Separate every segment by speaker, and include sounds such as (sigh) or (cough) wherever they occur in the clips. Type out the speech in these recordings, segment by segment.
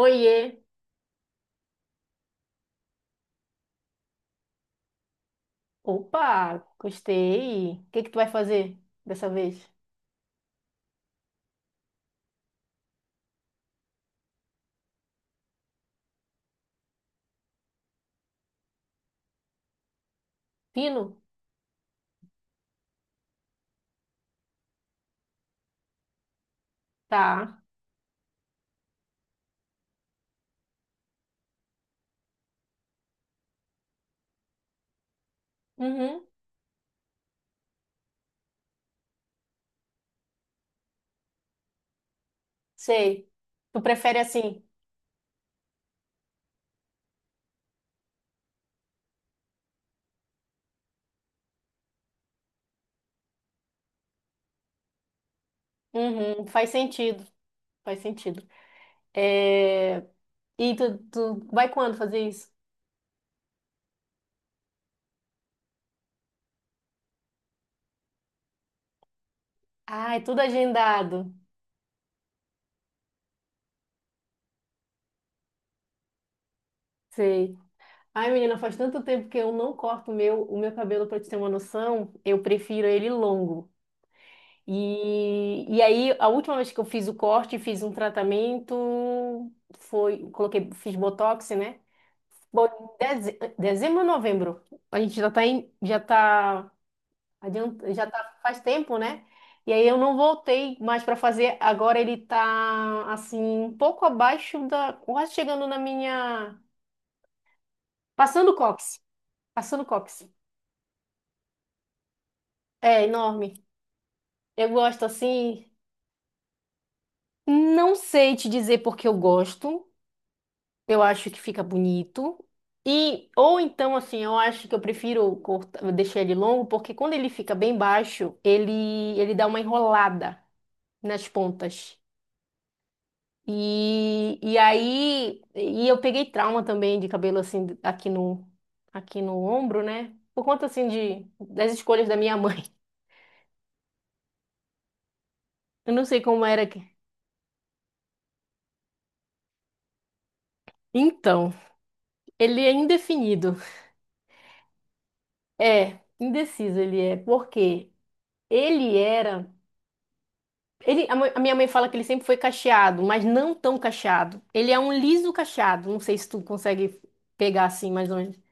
Speaker 1: Oiê! Opa, gostei. O que que tu vai fazer dessa vez? Pino? Tá. Uhum, sei. Tu prefere assim? Uhum, faz sentido. Faz sentido. É... E tu vai quando fazer isso? Ah, é tudo agendado. Sei. Ai, menina, faz tanto tempo que eu não corto o meu cabelo. Pra te ter uma noção, eu prefiro ele longo. E aí, a última vez que eu fiz o corte, fiz um tratamento, foi, coloquei, fiz Botox, né? Bom, em dezembro ou novembro, a gente já tá em, já tá, adianta, já tá faz tempo, né? E aí eu não voltei mais para fazer. Agora ele tá assim, um pouco abaixo da, quase chegando na minha, passando o cóccix, passando o cóccix. É enorme. Eu gosto assim, não sei te dizer porque eu gosto. Eu acho que fica bonito. E ou então, assim, eu acho que eu prefiro cortar, deixar ele longo, porque quando ele fica bem baixo, ele dá uma enrolada nas pontas. E aí, eu peguei trauma também de cabelo, assim, aqui no ombro, né? Por conta, assim, de, das escolhas da minha (laughs) mãe. Eu não sei como era que... Então, ele é indefinido. É, indeciso ele é, porque ele era... Ele, a minha mãe fala que ele sempre foi cacheado, mas não tão cacheado. Ele é um liso cacheado. Não sei se tu consegue pegar assim mais ou menos.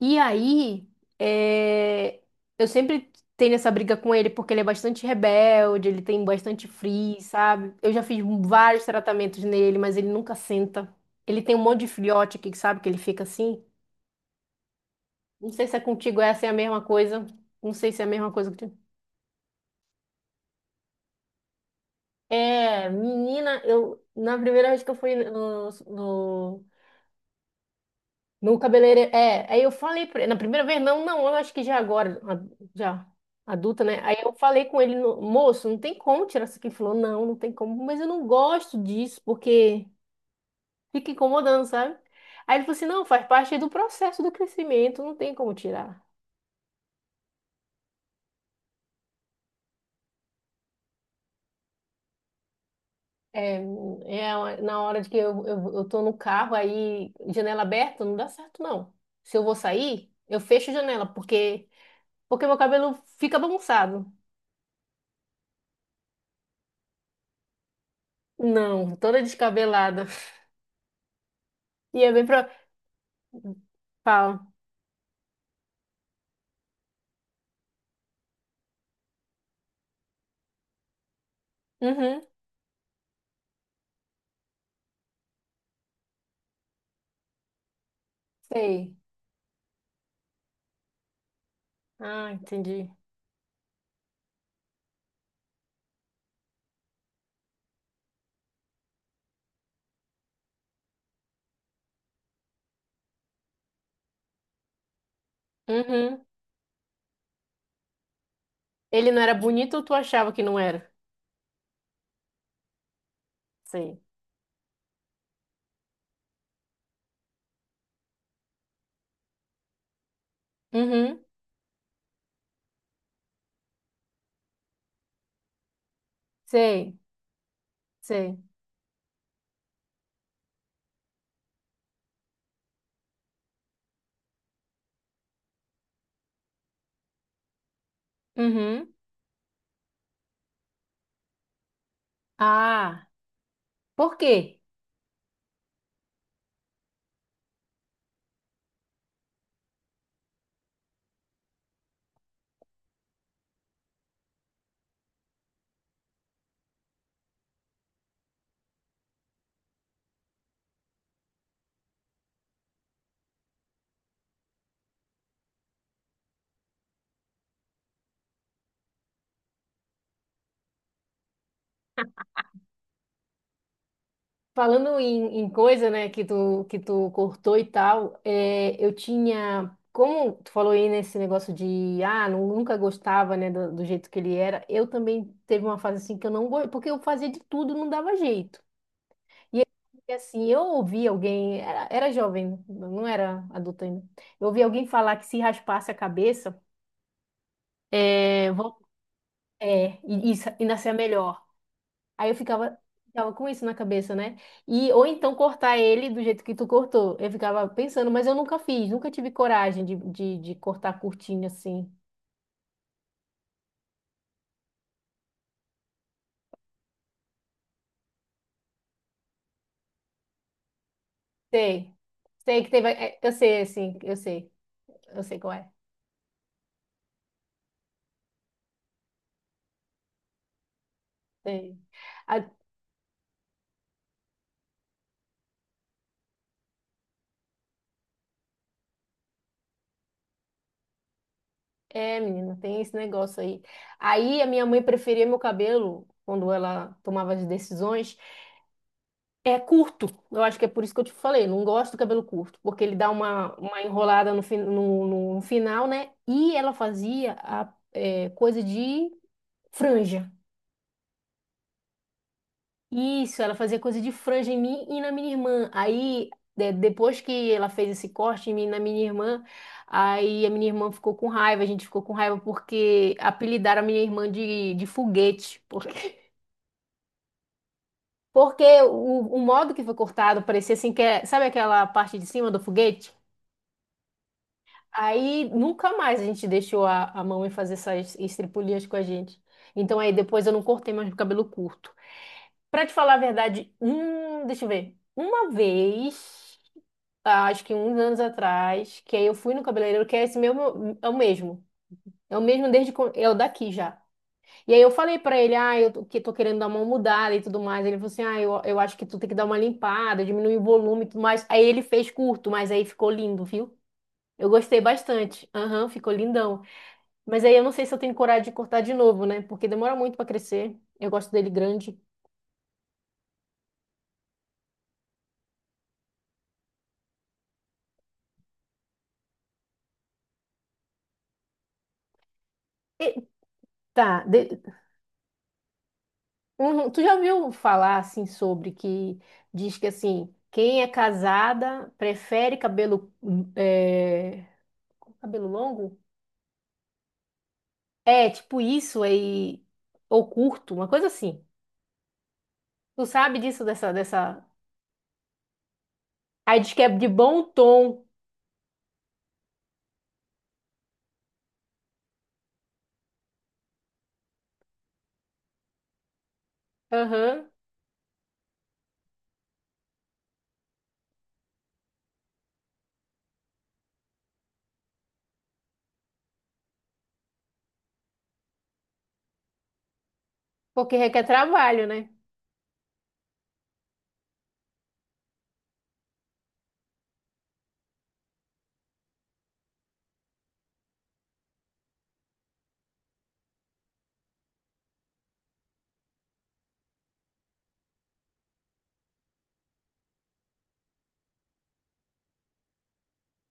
Speaker 1: E aí, é, eu sempre tenho essa briga com ele porque ele é bastante rebelde, ele tem bastante frizz, sabe? Eu já fiz vários tratamentos nele, mas ele nunca senta. Ele tem um monte de filhote aqui, que sabe? Que ele fica assim. Não sei se é contigo essa é a mesma coisa. Não sei se é a mesma coisa que tu. É, menina, eu na primeira vez que eu fui no no cabeleireiro, é, aí eu falei pra ele, na primeira vez, não, não, eu acho que já agora, já, adulta, né? Aí eu falei com ele, moço, não tem como tirar isso aqui. Ele falou, não, não tem como, mas eu não gosto disso, porque fica incomodando, sabe? Aí ele falou assim, não, faz parte do processo do crescimento, não tem como tirar. É, é uma- na hora de que eu tô no carro, aí, janela aberta, não dá certo, não. Se eu vou sair, eu fecho a janela, porque, porque meu cabelo fica bagunçado. Não, toda descabelada. (laughs) E é bem pro... Fala. Uhum, sei. Ah, entendi. Uhum. Ele não era bonito ou tu achava que não era? Sei. Uhum, sei, sei. Uhum. Ah, por quê? Falando em, em coisa, né, que tu cortou e tal, é, eu tinha... Como tu falou aí nesse negócio de, ah, nunca gostava, né, do, do jeito que ele era, eu também teve uma fase assim que eu não gostei, porque eu fazia de tudo, não dava jeito. E e assim, eu ouvi alguém, era, era jovem, não era adulto ainda. Eu ouvi alguém falar que se raspasse a cabeça, é, vão, é, e, e nascer melhor. Aí eu ficava, ficava com isso na cabeça, né? E ou então cortar ele do jeito que tu cortou. Eu ficava pensando, mas eu nunca fiz, nunca tive coragem de cortar curtinho assim. Sei, sei que teve, é, eu sei, assim, eu sei qual é. Sei. É, menina, tem esse negócio aí. Aí a minha mãe preferia meu cabelo, quando ela tomava as decisões, é curto. Eu acho que é por isso que eu te falei, não gosto do cabelo curto, porque ele dá uma enrolada no, no, no final, né? E ela fazia a, é, coisa de franja. Isso, ela fazia coisa de franja em mim e na minha irmã. Aí, depois que ela fez esse corte em mim e na minha irmã, aí a minha irmã ficou com raiva, a gente ficou com raiva porque apelidaram a minha irmã de foguete. Porque, (laughs) porque o modo que foi cortado parecia assim que é, sabe aquela parte de cima do foguete? Aí nunca mais a gente deixou a mamãe fazer essas estripulias com a gente. Então aí depois eu não cortei mais o cabelo curto. Pra te falar a verdade, deixa eu ver. Uma vez. Ah, acho que uns anos atrás, que aí eu fui no cabeleireiro, que é esse mesmo, é o mesmo. É o mesmo é o daqui já. E aí eu falei pra ele, ah, que tô querendo dar uma mudada e tudo mais. Ele falou assim, ah, eu acho que tu tem que dar uma limpada, diminuir o volume e tudo mais. Aí ele fez curto, mas aí ficou lindo, viu? Eu gostei bastante. Aham, ficou lindão. Mas aí eu não sei se eu tenho coragem de cortar de novo, né? Porque demora muito pra crescer. Eu gosto dele grande. E, tá, uhum. Tu já ouviu falar assim sobre que diz que assim, quem é casada prefere cabelo, é, cabelo longo? É, tipo isso aí ou curto, uma coisa assim. Tu sabe disso dessa Aí diz que é de bom tom. Aham. Porque requer trabalho, né?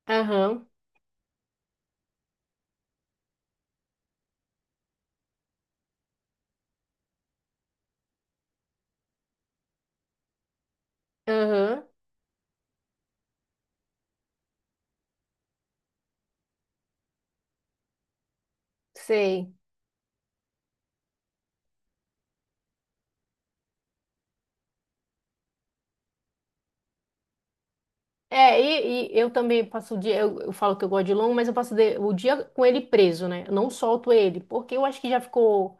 Speaker 1: Aham. Aham. Sei. É, e eu também passo o dia, eu falo que eu gosto de longo, mas eu passo o dia com ele preso, né? Eu não solto ele, porque eu acho que já ficou.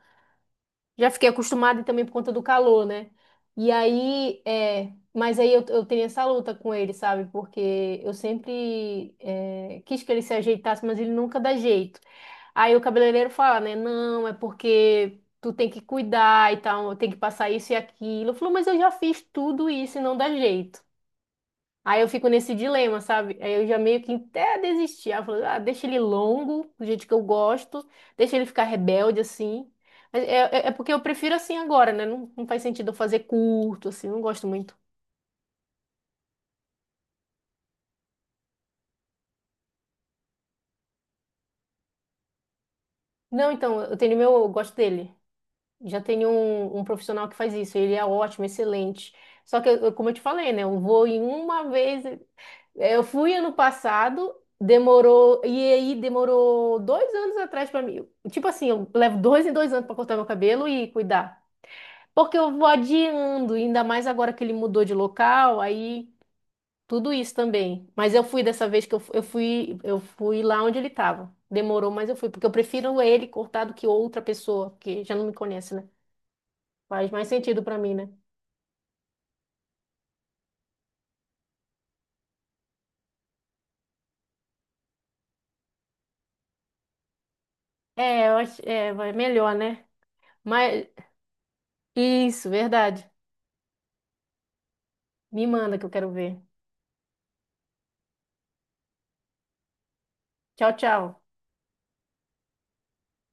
Speaker 1: Já fiquei acostumada e também por conta do calor, né? E aí, é, mas aí eu tenho essa luta com ele, sabe? Porque eu sempre é, quis que ele se ajeitasse, mas ele nunca dá jeito. Aí o cabeleireiro fala, né? Não, é porque tu tem que cuidar e tal, tem que passar isso e aquilo. Eu falo, mas eu já fiz tudo isso e não dá jeito. Aí eu fico nesse dilema, sabe? Aí eu já meio que até desisti. Aí eu falo, ah, deixa ele longo, do jeito que eu gosto, deixa ele ficar rebelde assim. Mas é, é porque eu prefiro assim agora, né? Não, não faz sentido eu fazer curto, assim, não gosto muito. Não, então, eu tenho meu, eu gosto dele. Já tenho um profissional que faz isso, ele é ótimo, excelente. Só que, como eu te falei, né? Eu vou em uma vez. Eu fui ano passado, demorou. E aí demorou 2 anos atrás pra mim. Tipo assim, eu levo 2 em 2 anos pra cortar meu cabelo e cuidar. Porque eu vou adiando, ainda mais agora que ele mudou de local, aí tudo isso também. Mas eu fui dessa vez que eu fui lá onde ele tava. Demorou, mas eu fui, porque eu prefiro ele cortar do que outra pessoa, porque já não me conhece, né? Faz mais sentido pra mim, né? É, eu acho, é, vai melhor, né? Mas isso, verdade. Me manda que eu quero ver. Tchau, tchau.